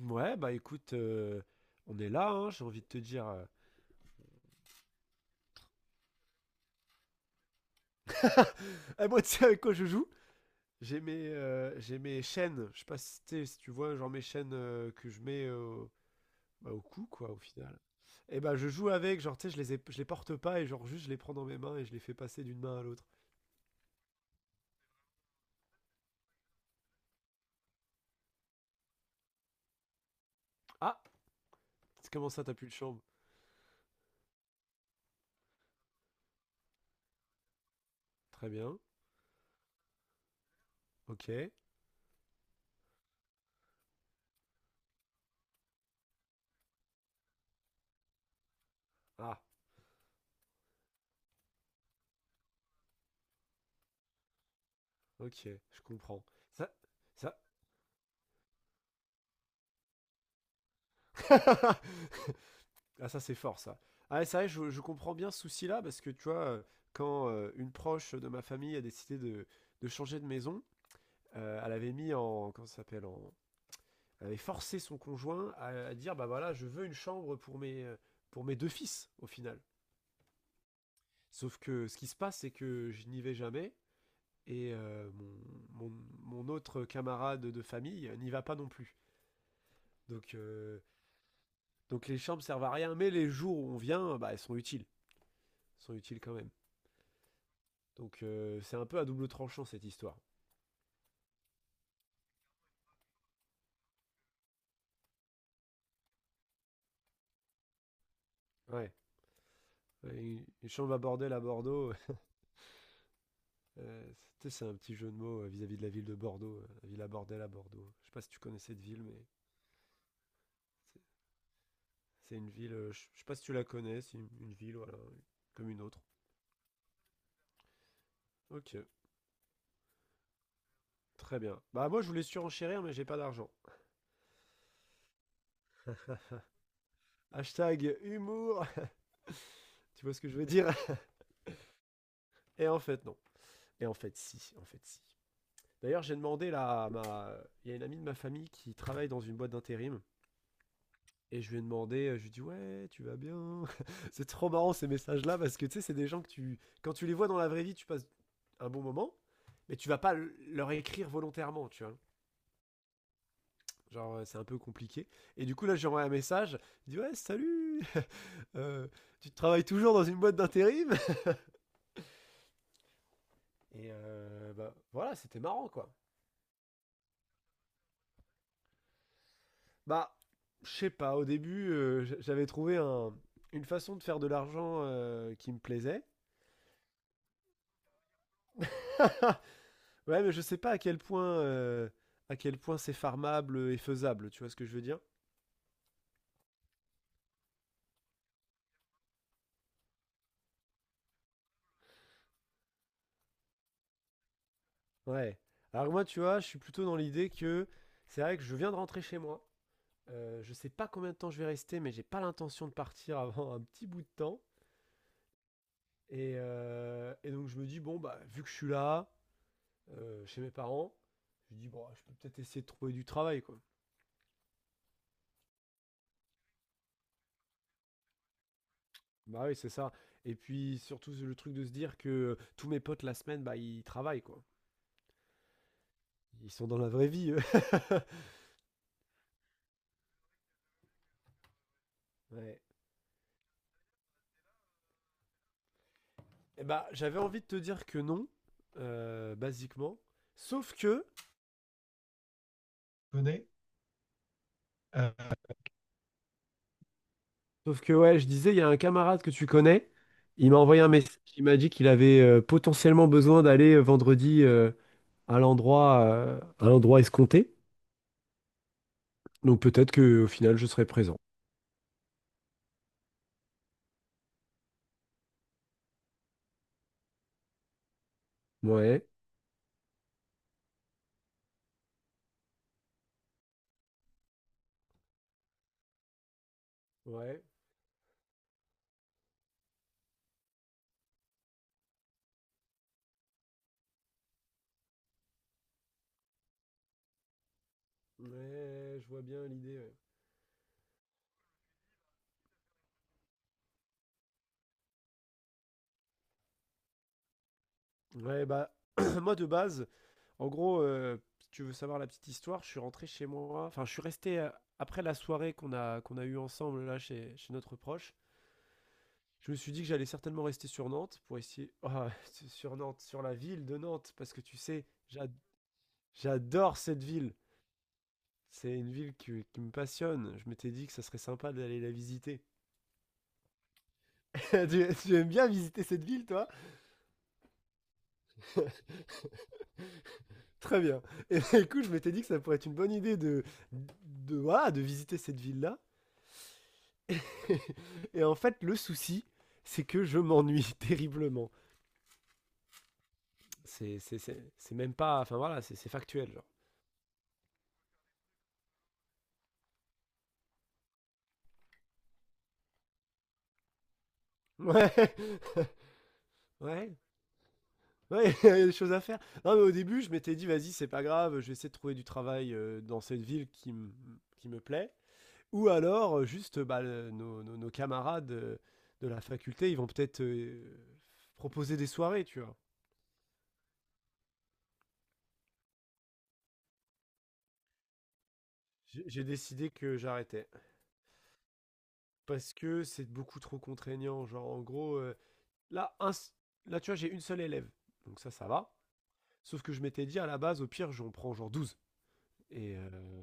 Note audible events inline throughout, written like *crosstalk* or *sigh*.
Ouais, bah écoute, on est là, hein, j'ai envie de te dire. Ah, moi, tu sais avec quoi je joue? J'ai mes chaînes, je sais pas si, si tu vois, genre mes chaînes que je mets bah, au cou, quoi, au final. Et bah, je joue avec, genre, tu sais, je les porte pas et genre, juste, je les prends dans mes mains et je les fais passer d'une main à l'autre. Ah, c'est comment ça, t'as plus de chambre? Très bien, ok. Ah, ok, je comprends. Ça, ça. *laughs* Ah ça c'est fort ça. Ah c'est vrai, je comprends bien ce souci-là parce que tu vois, quand une proche de ma famille a décidé de changer de maison, elle avait mis en... Comment ça s'appelle en... Elle avait forcé son conjoint à dire, bah voilà, je veux une chambre pour mes deux fils au final. Sauf que ce qui se passe, c'est que je n'y vais jamais et mon autre camarade de famille n'y va pas non plus. Donc, euh, donc les chambres servent à rien, mais les jours où on vient, bah, elles sont utiles. Elles sont utiles quand même. Donc c'est un peu à double tranchant cette histoire. Ouais. Ouais, une chambre à bordel à Bordeaux, *laughs* euh, tu c'est un petit jeu de mots vis-à-vis de la ville de Bordeaux, la ville à bordel à Bordeaux. Je sais pas si tu connais cette ville, mais c'est- c'est une ville, je sais pas si tu la connais, c'est une ville, voilà, comme une autre. Ok, très bien. Bah moi je voulais surenchérir, mais j'ai pas d'argent. Hashtag humour, *laughs* tu vois ce que je veux dire? Et en fait non. Et en fait si, en fait si. D'ailleurs j'ai demandé là à ma... Il y a une amie de ma famille qui travaille dans une boîte d'intérim. Et je lui ai demandé, je lui ai dit ouais, tu vas bien. *laughs* C'est trop marrant ces messages-là parce que tu sais, c'est des gens que tu, quand tu les vois dans la vraie vie, tu passes un bon moment, mais tu vas pas leur écrire volontairement, tu vois. Genre c'est un peu compliqué. Et du coup là, j'ai envoyé un message. Il dit ouais, salut. *laughs* Euh, tu travailles toujours dans une boîte d'intérim. Et bah, voilà, c'était marrant quoi. Bah je sais pas. Au début, j'avais trouvé une façon de faire de l'argent qui me plaisait. *laughs* Ouais, mais je sais pas à quel point, à quel point c'est farmable et faisable, tu vois ce que je veux dire? Ouais. Alors moi, tu vois, je suis plutôt dans l'idée que c'est vrai que je viens de rentrer chez moi. Je sais pas combien de temps je vais rester, mais j'ai pas l'intention de partir *laughs* avant un petit bout de temps. Et donc je me dis, bon, bah, vu que je suis là, chez mes parents, je dis, bon, je peux peut-être essayer de trouver du travail, quoi. Bah oui, c'est ça. Et puis surtout le truc de se dire que tous mes potes la semaine, bah, ils travaillent, quoi. Ils sont dans la vraie vie, eux. *laughs* Ouais. Eh ben, j'avais envie de te dire que non, basiquement. Sauf que, connais? Sauf que ouais, je disais, il y a un camarade que tu connais. Il m'a envoyé un message. Il m'a dit qu'il avait potentiellement besoin d'aller vendredi à l'endroit escompté. Donc peut-être que au final, je serai présent. Ouais. Ouais, ouais, je vois bien l'idée. Ouais, Ouais, bah *clears throat* moi de base, en gros, si tu veux savoir la petite histoire, je suis rentré chez moi. Enfin, je suis resté après la soirée qu'on a eue ensemble là chez notre proche. Je me suis dit que j'allais certainement rester sur Nantes pour essayer. Ah, *laughs* sur Nantes, sur la ville de Nantes, parce que tu sais, j'adore cette ville. C'est une ville qui me passionne. Je m'étais dit que ça serait sympa d'aller la visiter. *laughs* Tu tu, aimes bien visiter cette ville, toi? *laughs* Très bien. Et *laughs* du coup, je m'étais dit que ça pourrait être une bonne idée de, voilà, de visiter cette ville-là. *laughs* Et en fait, le souci, c'est que je m'ennuie *laughs* terriblement. C'est même pas. Enfin voilà, c'est factuel, genre. Ouais, *laughs* ouais, ouais, *laughs* il y a des choses à faire. Non, mais au début, je m'étais dit, vas-y, c'est pas grave, je vais essayer de trouver du travail dans cette ville qui, qui me plaît. Ou alors, juste, bah, nos camarades de la faculté, ils vont peut-être proposer des soirées, tu vois. J'ai décidé que j'arrêtais. Parce que c'est beaucoup trop contraignant. Genre, en gros, Là, un là tu vois, j'ai une seule élève. Donc ça va. Sauf que je m'étais dit, à la base, au pire, j'en prends genre douze. Et euh,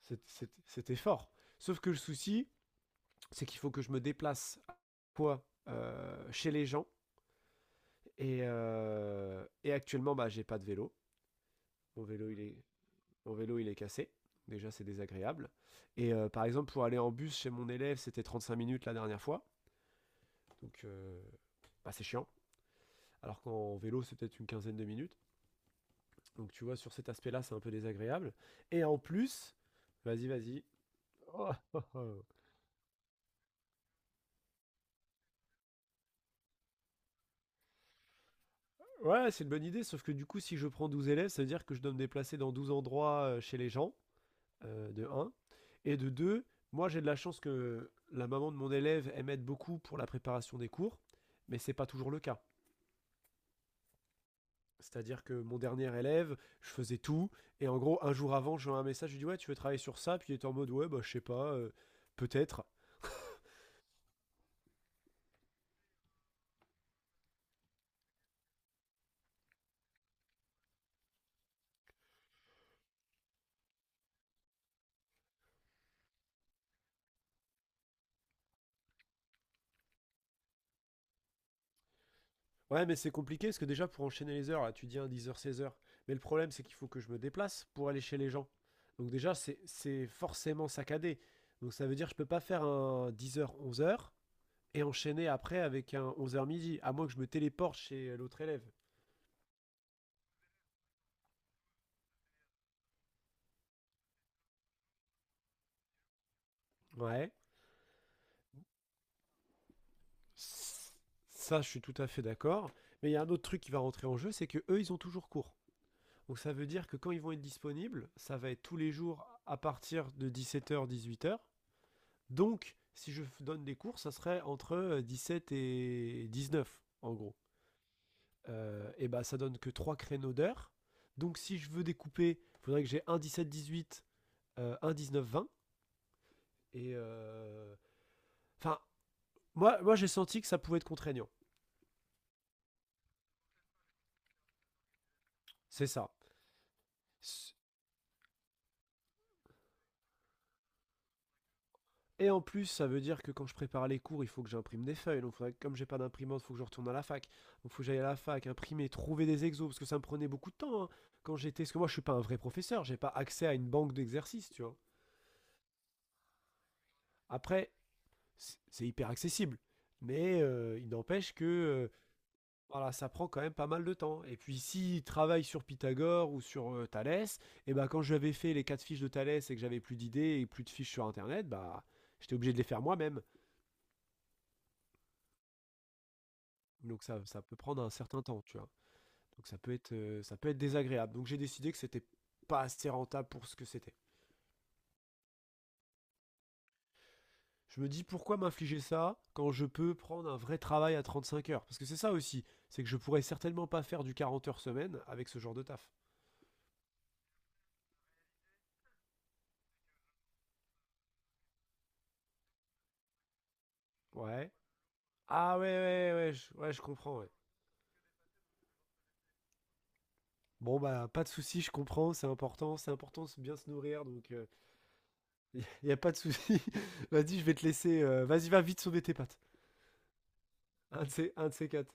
C'était fort. Sauf que le souci, c'est qu'il faut que je me déplace quoi chez les gens. Et actuellement, bah, j'ai pas de vélo. Mon vélo, il est, mon vélo, il est cassé. Déjà, c'est désagréable. Et par exemple, pour aller en bus chez mon élève, c'était 35 minutes la dernière fois. Donc, bah, c'est chiant. Alors qu'en vélo, c'est peut-être une quinzaine de minutes. Donc tu vois, sur cet aspect-là, c'est un peu désagréable. Et en plus, vas-y. *laughs* Oh, oh, oh. Ouais, c'est une bonne idée, sauf que du coup, si je prends 12 élèves, ça veut dire que je dois me déplacer dans 12 endroits chez les gens, de un. Et de deux, moi j'ai de la chance que la maman de mon élève, elle m'aide beaucoup pour la préparation des cours, mais c'est pas toujours le cas. C'est-à-dire que mon dernier élève, je faisais tout, et en gros, un jour avant, j'ai un message, je lui dis ouais, tu veux travailler sur ça, puis il est en mode ouais, bah je sais pas, peut-être. Ouais, mais c'est compliqué parce que déjà pour enchaîner les heures, là, tu dis un 10h, 16h. Mais le problème, c'est qu'il faut que je me déplace pour aller chez les gens. Donc déjà, c'est forcément saccadé. Donc ça veut dire que je peux pas faire un 10h, 11h et enchaîner après avec un 11h midi, à moins que je me téléporte chez l'autre élève. Ouais. Ça, je suis tout à fait d'accord. Mais il y a un autre truc qui va rentrer en jeu, c'est que eux, ils ont toujours cours. Donc ça veut dire que quand ils vont être disponibles, ça va être tous les jours à partir de 17h, 18h. Donc, si je donne des cours, ça serait entre 17 et 19 en gros. Et bah, ça donne que 3 créneaux d'heure. Donc, si je veux découper, il faudrait que j'ai un 17-18, un 19-20. Et. euh, Enfin, euh, moi j'ai senti que ça pouvait être contraignant. C'est ça. Et en plus, ça veut dire que quand je prépare les cours, il faut que j'imprime des feuilles. Donc, comme j'ai pas d'imprimante, il faut que je retourne à la fac. Donc, il faut que j'aille à la fac, imprimer, trouver des exos, parce que ça me prenait beaucoup de temps hein, quand j'étais. Parce que moi, je suis pas un vrai professeur, j'ai pas accès à une banque d'exercices, tu vois. Après, c'est hyper accessible, mais il n'empêche que voilà, ça prend quand même pas mal de temps. Et puis, s'il travaille sur Pythagore ou sur Thalès, et ben quand j'avais fait les quatre fiches de Thalès et que j'avais plus d'idées et plus de fiches sur Internet, bah, j'étais obligé de les faire moi-même. Donc ça peut prendre un certain temps, tu vois? Donc ça peut être désagréable. Donc j'ai décidé que c'était pas assez rentable pour ce que c'était. Je me dis: «Pourquoi m'infliger ça quand je peux prendre un vrai travail à 35 heures?» Parce que c'est ça aussi, c'est que je pourrais certainement pas faire du 40 heures semaine avec ce genre de taf. Ouais. Ah ouais, ouais, ouais, je comprends, ouais. Bon, bah, pas de souci, je comprends, c'est important, c'est important de bien se nourrir, donc il *laughs* y a pas de souci. *laughs* Vas-y, je vais te laisser, vas-y, va vite sauver tes pattes. Un de ces 4.